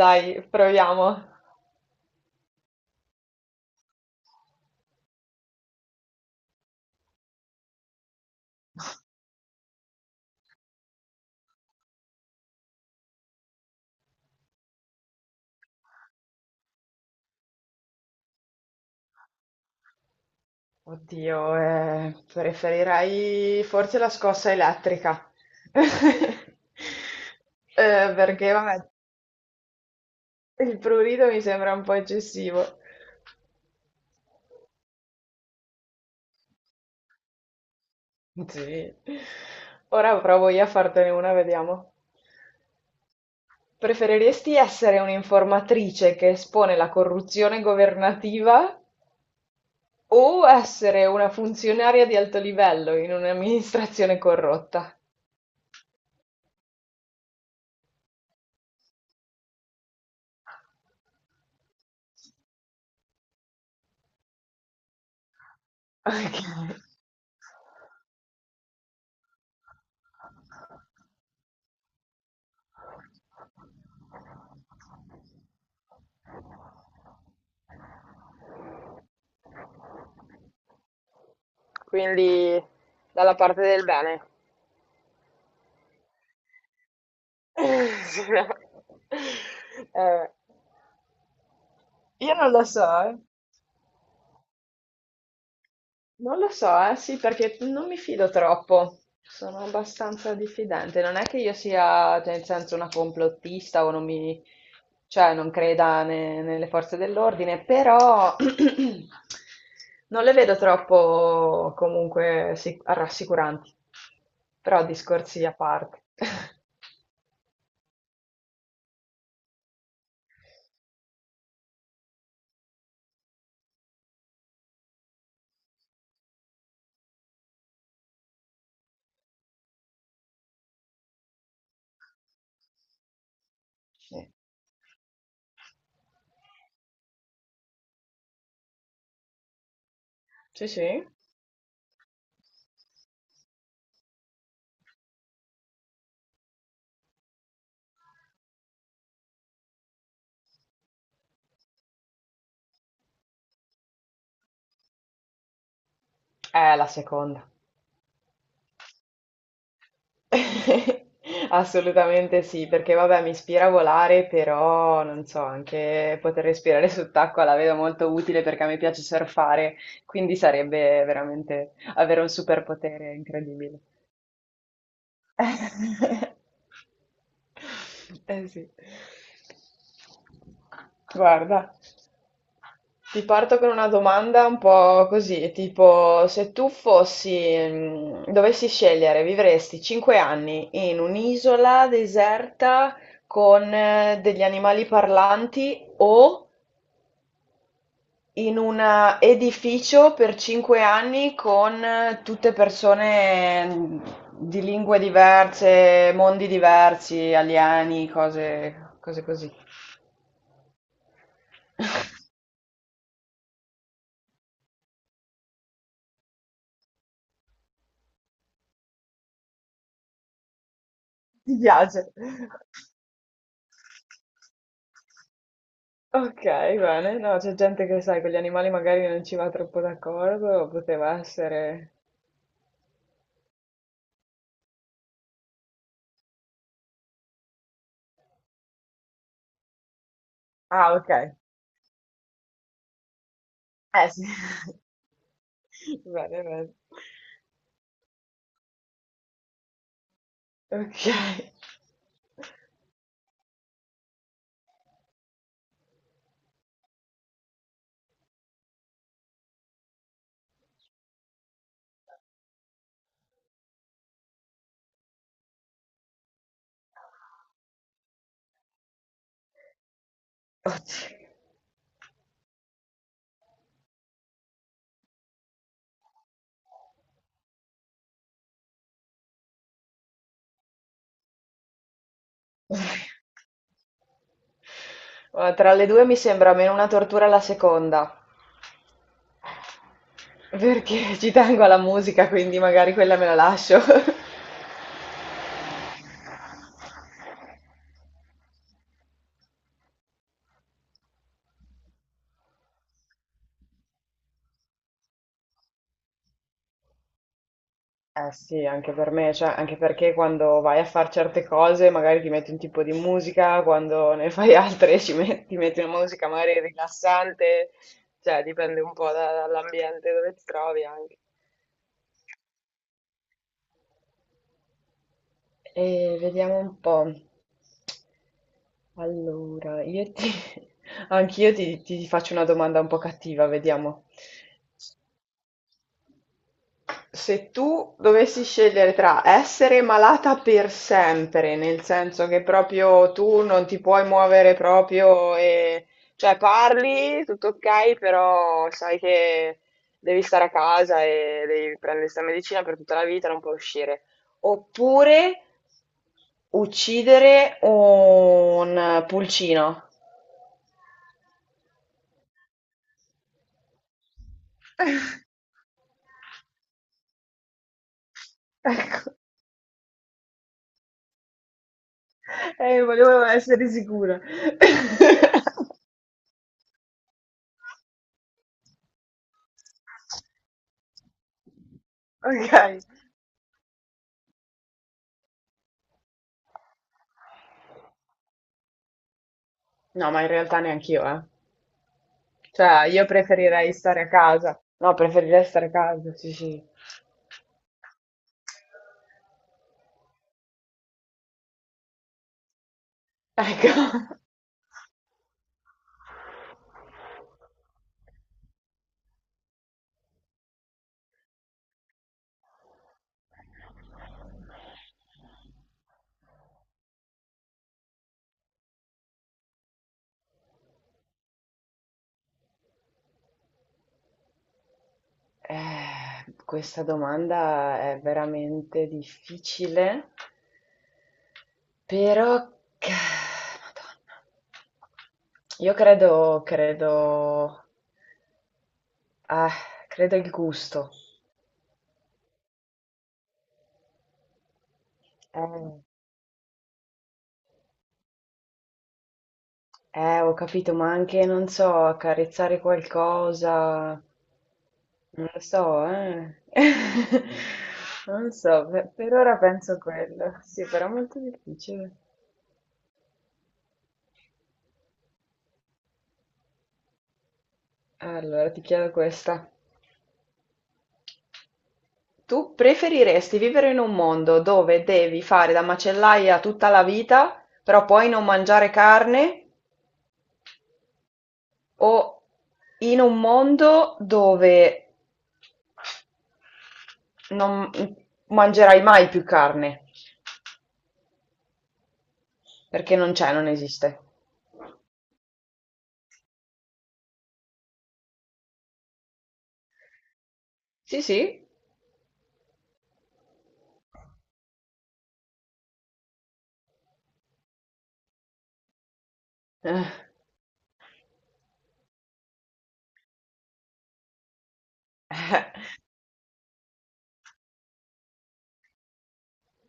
Dai, proviamo. Oddio, preferirei forse la scossa elettrica. Perché, vabbè, il prurito mi sembra un po' eccessivo. Sì. Ora provo io a fartene una, vediamo. Preferiresti essere un'informatrice che espone la corruzione governativa o essere una funzionaria di alto livello in un'amministrazione corrotta? Ok. Quindi dalla parte del bene. Sì, no. Eh, io non lo so, eh. Non lo so, sì, perché non mi fido troppo. Sono abbastanza diffidente. Non è che io sia, cioè, nel senso, una complottista o non mi, cioè, non creda nelle forze dell'ordine, però non le vedo troppo comunque rassicuranti. Però discorsi a parte. Sì, sì. La seconda. Assolutamente sì, perché vabbè, mi ispira a volare, però non so, anche poter respirare sott'acqua la vedo molto utile perché a me piace surfare, quindi sarebbe veramente avere un superpotere incredibile. Eh sì. Guarda. Ti parto con una domanda un po' così, tipo se tu fossi, dovessi scegliere, vivresti 5 anni in un'isola deserta con degli animali parlanti o in un edificio per 5 anni con tutte persone di lingue diverse, mondi diversi, alieni, cose, cose così. Ti piace? Ok, bene. No, c'è gente che, sai, con gli animali magari non ci va troppo d'accordo, poteva essere... Ah, ok. Eh sì. Bene, bene. Ok. Oddio. Guarda, tra le due mi sembra meno una tortura la seconda, perché ci tengo alla musica, quindi magari quella me la lascio. Eh sì, anche per me, cioè anche perché quando vai a fare certe cose magari ti metti un tipo di musica, quando ne fai altre ti metti una musica magari rilassante, cioè dipende un po' dall'ambiente dove ti trovi anche. E vediamo un po'. Allora, io ti... Anch'io ti, ti faccio una domanda un po' cattiva, vediamo. Se tu dovessi scegliere tra essere malata per sempre, nel senso che proprio tu non ti puoi muovere proprio e cioè parli, tutto ok, però sai che devi stare a casa e devi prendere questa medicina per tutta la vita, non puoi uscire. Oppure uccidere un pulcino. Ecco, volevo essere sicura. Okay. No, ma in realtà neanch'io, eh. Cioè, io preferirei stare a casa. No, preferirei stare a casa, sì, sì. Ecco. Questa domanda è veramente difficile, però... che- Madonna. Io credo, credo... eh, credo il gusto. Eh, ho capito, ma anche, non so, accarezzare qualcosa. Non lo so, eh. Non lo so, per ora penso quello. Sì, però è molto difficile. Allora, ti chiedo questa. Tu preferiresti vivere in un mondo dove devi fare da macellaia tutta la vita, però poi non mangiare carne, o in un mondo dove non mangerai mai più carne, perché non c'è, non esiste? Sì, sì. Eh.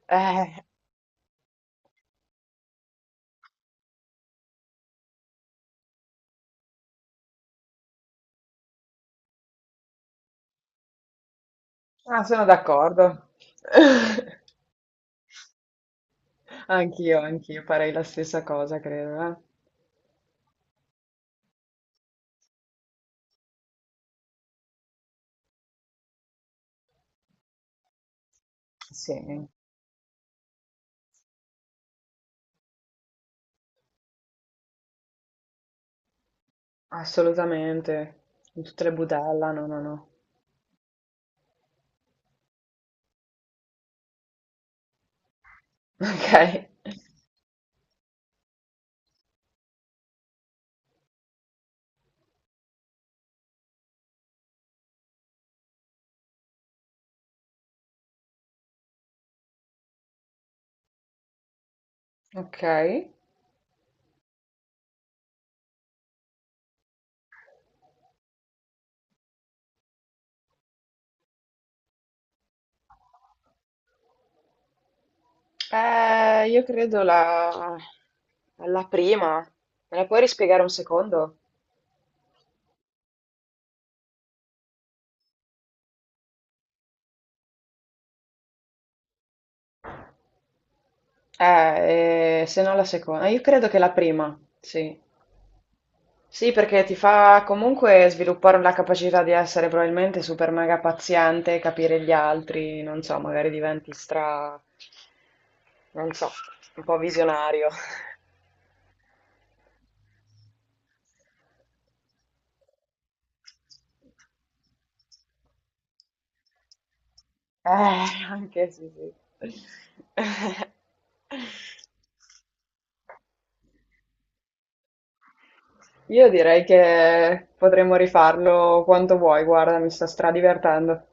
Eh. Ah, sono d'accordo. Anch'io, anch'io farei la stessa cosa, credo. Eh. Sì, assolutamente. In tutte le budella, no, no, no. Ok, ok. Io credo la... la prima. Me la puoi rispiegare un secondo? Se no la seconda. Io credo che la prima, sì. Sì, perché ti fa comunque sviluppare la capacità di essere probabilmente super mega paziente, capire gli altri, non so, magari diventi stra, non so, un po' visionario. Eh, anche sì, sì. Io direi che potremmo rifarlo quanto vuoi, guarda, mi sto stradivertendo.